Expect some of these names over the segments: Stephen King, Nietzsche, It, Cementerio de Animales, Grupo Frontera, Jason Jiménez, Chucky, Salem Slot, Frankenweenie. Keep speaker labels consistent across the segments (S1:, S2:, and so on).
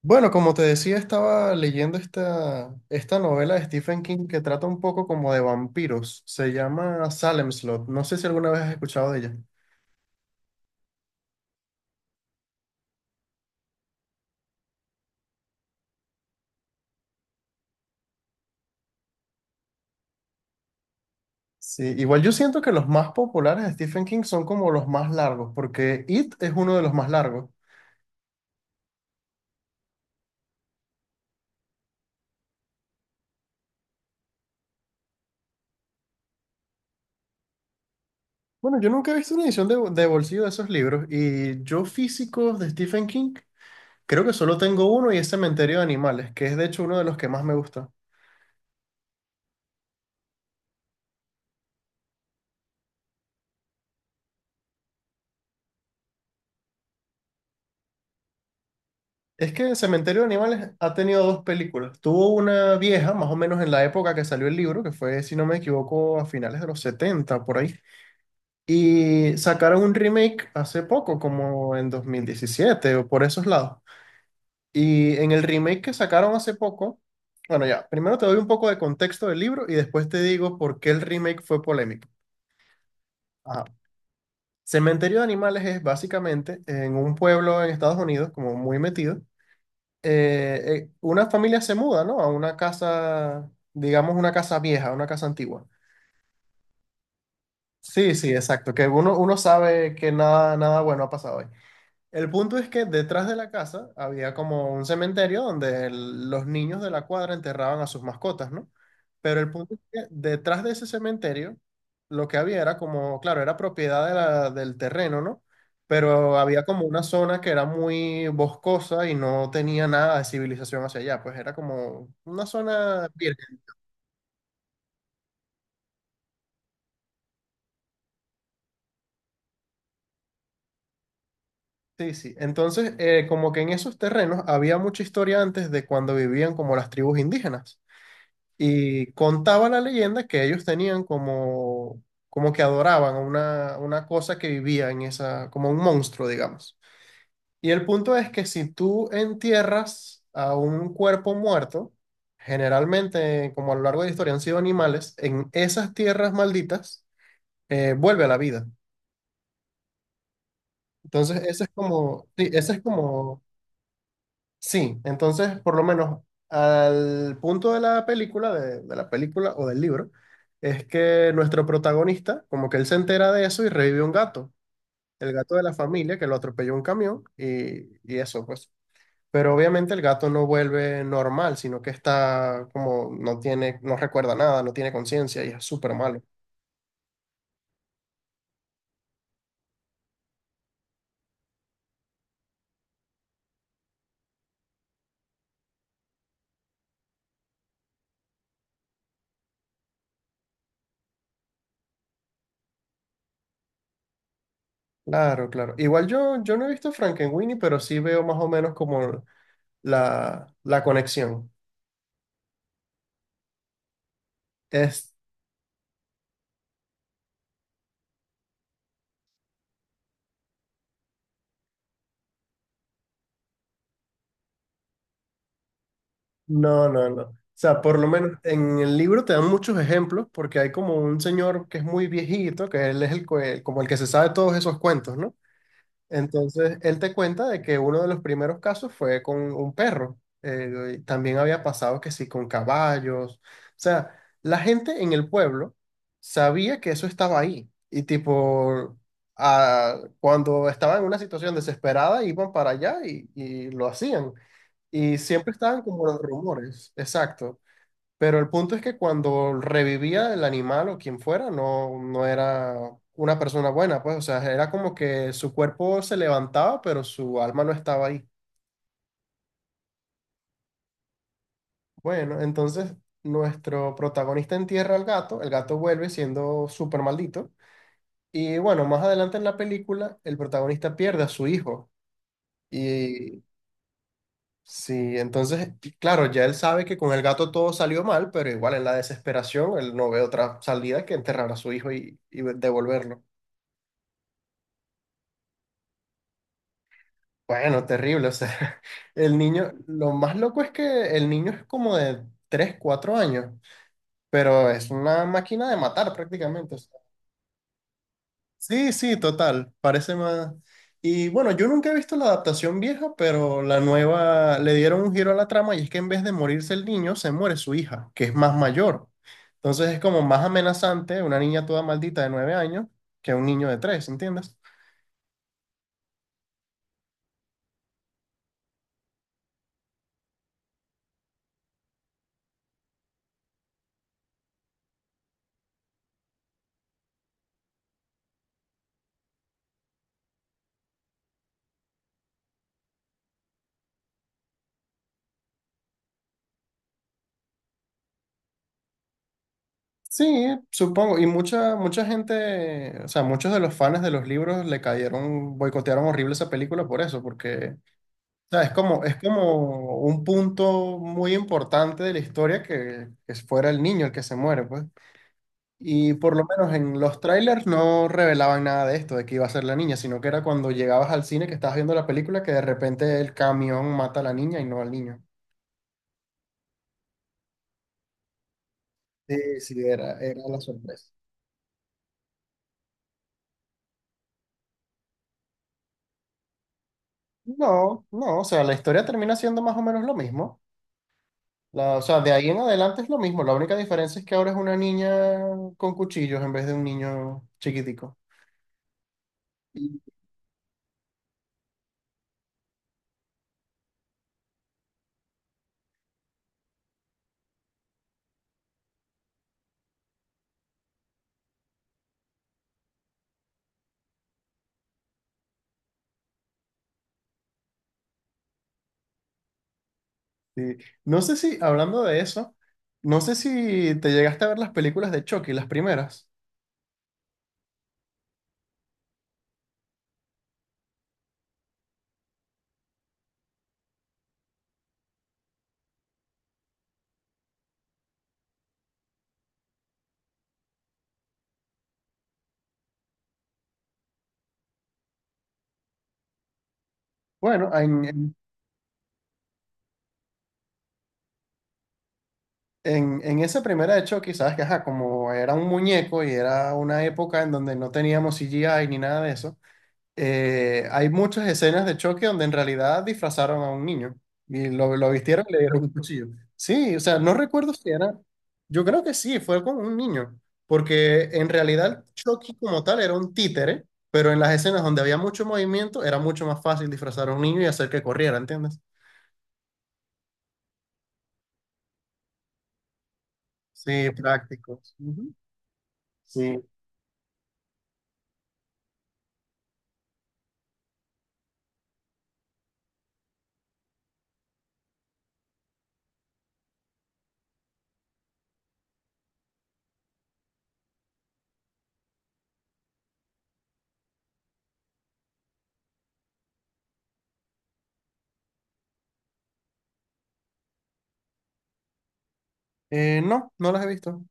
S1: Bueno, como te decía, estaba leyendo esta novela de Stephen King que trata un poco como de vampiros. Se llama Salem Slot. No sé si alguna vez has escuchado de ella. Sí, igual yo siento que los más populares de Stephen King son como los más largos, porque It es uno de los más largos. Bueno, yo nunca he visto una edición de bolsillo de esos libros y yo físicos de Stephen King creo que solo tengo uno y es Cementerio de Animales, que es de hecho uno de los que más me gusta. Es que Cementerio de Animales ha tenido dos películas. Tuvo una vieja, más o menos en la época que salió el libro, que fue, si no me equivoco, a finales de los 70 por ahí. Y sacaron un remake hace poco, como en 2017 o por esos lados. Y en el remake que sacaron hace poco, bueno, ya, primero te doy un poco de contexto del libro y después te digo por qué el remake fue polémico. Ajá. Cementerio de Animales es básicamente en un pueblo en Estados Unidos, como muy metido una familia se muda, ¿no? A una casa, digamos, una casa vieja, una casa antigua. Sí, sí, exacto, que uno sabe que nada bueno ha pasado ahí. El punto es que detrás de la casa había como un cementerio donde los niños de la cuadra enterraban a sus mascotas, ¿no? Pero el punto es que detrás de ese cementerio lo que había era como, claro, era propiedad de del terreno, ¿no? Pero había como una zona que era muy boscosa y no tenía nada de civilización hacia allá, pues era como una zona virgen. Sí, sí. Entonces, como que en esos terrenos había mucha historia antes de cuando vivían como las tribus indígenas. Y contaba la leyenda que ellos tenían como que adoraban a una cosa que vivía en esa, como un monstruo, digamos. Y el punto es que si tú entierras a un cuerpo muerto, generalmente, como a lo largo de la historia han sido animales, en esas tierras malditas, vuelve a la vida. Entonces, ese es como, sí, ese es como. Sí, entonces por lo menos al punto de la película, de la película o del libro, es que nuestro protagonista, como que él se entera de eso y revive un gato, el gato de la familia que lo atropelló un camión y eso pues. Pero obviamente el gato no vuelve normal, sino que está como, no tiene, no recuerda nada, no tiene conciencia y es súper malo. Claro, claro. Igual yo no he visto Frankenweenie, pero sí veo más o menos como la conexión. No, no, no. O sea, por lo menos en el libro te dan muchos ejemplos porque hay como un señor que es muy viejito, que él es el, como el que se sabe todos esos cuentos, ¿no? Entonces, él te cuenta de que uno de los primeros casos fue con un perro. Y también había pasado que sí, con caballos. O sea, la gente en el pueblo sabía que eso estaba ahí. Y tipo, ah, cuando estaban en una situación desesperada, iban para allá y lo hacían. Y siempre estaban como los rumores, exacto. Pero el punto es que cuando revivía el animal o quien fuera, no era una persona buena, pues, o sea, era como que su cuerpo se levantaba, pero su alma no estaba ahí. Bueno, entonces nuestro protagonista entierra al gato, el gato vuelve siendo súper maldito. Y bueno, más adelante en la película, el protagonista pierde a su hijo. Y Sí, entonces, y claro, ya él sabe que con el gato todo salió mal, pero igual en la desesperación él no ve otra salida que enterrar a su hijo y devolverlo. Bueno, terrible, o sea, el niño, lo más loco es que el niño es como de 3, 4 años, pero es una máquina de matar prácticamente. Sí, sí, total, parece más... Y bueno, yo nunca he visto la adaptación vieja, pero la nueva le dieron un giro a la trama y es que en vez de morirse el niño, se muere su hija, que es más mayor. Entonces es como más amenazante una niña toda maldita de 9 años que un niño de 3, ¿entiendes? Sí, supongo. Y mucha, mucha gente, o sea, muchos de los fans de los libros le cayeron, boicotearon horrible esa película por eso, porque sea, es como un punto muy importante de la historia que fuera el niño el que se muere, pues. Y por lo menos en los trailers no revelaban nada de esto, de que iba a ser la niña, sino que era cuando llegabas al cine que estabas viendo la película que de repente el camión mata a la niña y no al niño. Sí, sí, era la sorpresa. No, no, o sea, la historia termina siendo más o menos lo mismo. O sea, de ahí en adelante es lo mismo. La única diferencia es que ahora es una niña con cuchillos en vez de un niño chiquitico. Sí. No sé si, hablando de eso, no sé si te llegaste a ver las películas de Chucky, las primeras. Bueno, en esa primera de Chucky, sabes que, ajá, como era un muñeco y era una época en donde no teníamos CGI ni nada de eso, hay muchas escenas de choque donde en realidad disfrazaron a un niño y lo vistieron y le dieron un cuchillo. Sí, o sea, no recuerdo si era, yo creo que sí, fue con un niño, porque en realidad el Chucky como tal era un títere, pero en las escenas donde había mucho movimiento era mucho más fácil disfrazar a un niño y hacer que corriera, ¿entiendes? Sí, prácticos. Ujú. Sí. No, no las he visto.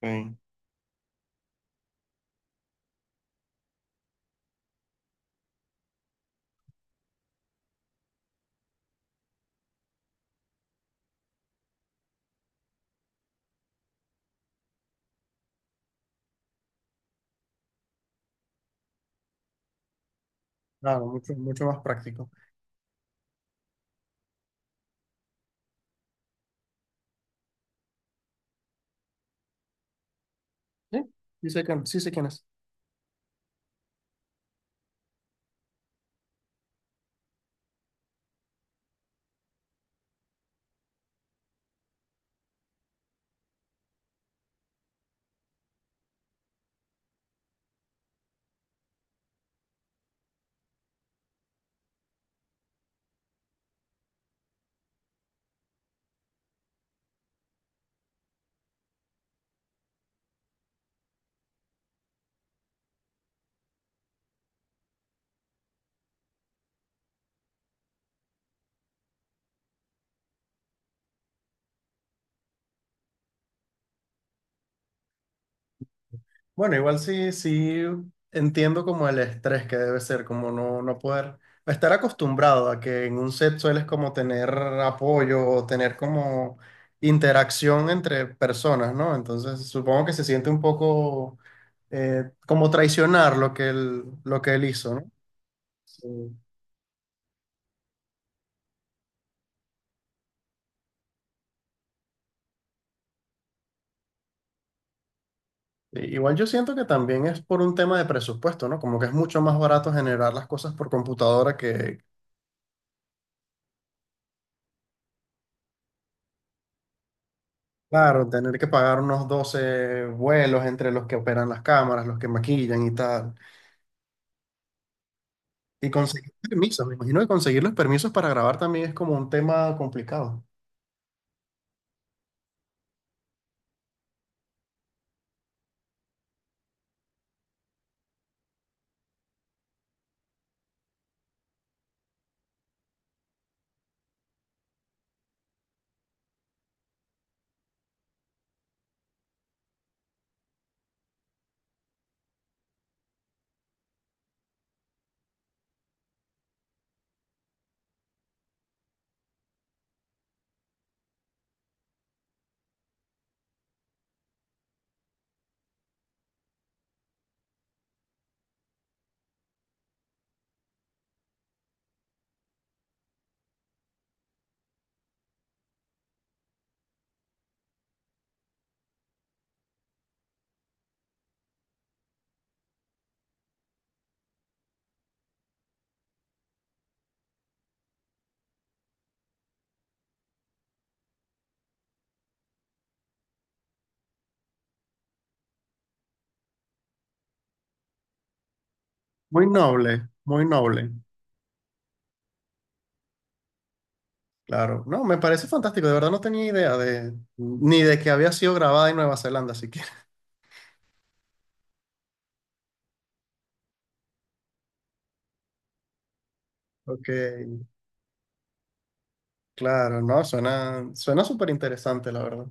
S1: Ok. Claro, mucho, mucho más práctico. Sí, sí sé quién es. Bueno, igual sí, sí entiendo como el estrés que debe ser, como no, no poder estar acostumbrado a que en un set sueles como tener apoyo o tener como interacción entre personas, ¿no? Entonces supongo que se siente un poco como traicionar lo que él hizo, ¿no? Sí. Igual yo siento que también es por un tema de presupuesto, ¿no? Como que es mucho más barato generar las cosas por computadora que. Claro, tener que pagar unos 12 vuelos entre los que operan las cámaras, los que maquillan y tal. Y conseguir permisos, me imagino que conseguir los permisos para grabar también es como un tema complicado. Muy noble, muy noble. Claro, no, me parece fantástico, de verdad no tenía idea de, ni de que había sido grabada en Nueva Zelanda siquiera. Ok, claro, no, suena súper interesante, la verdad.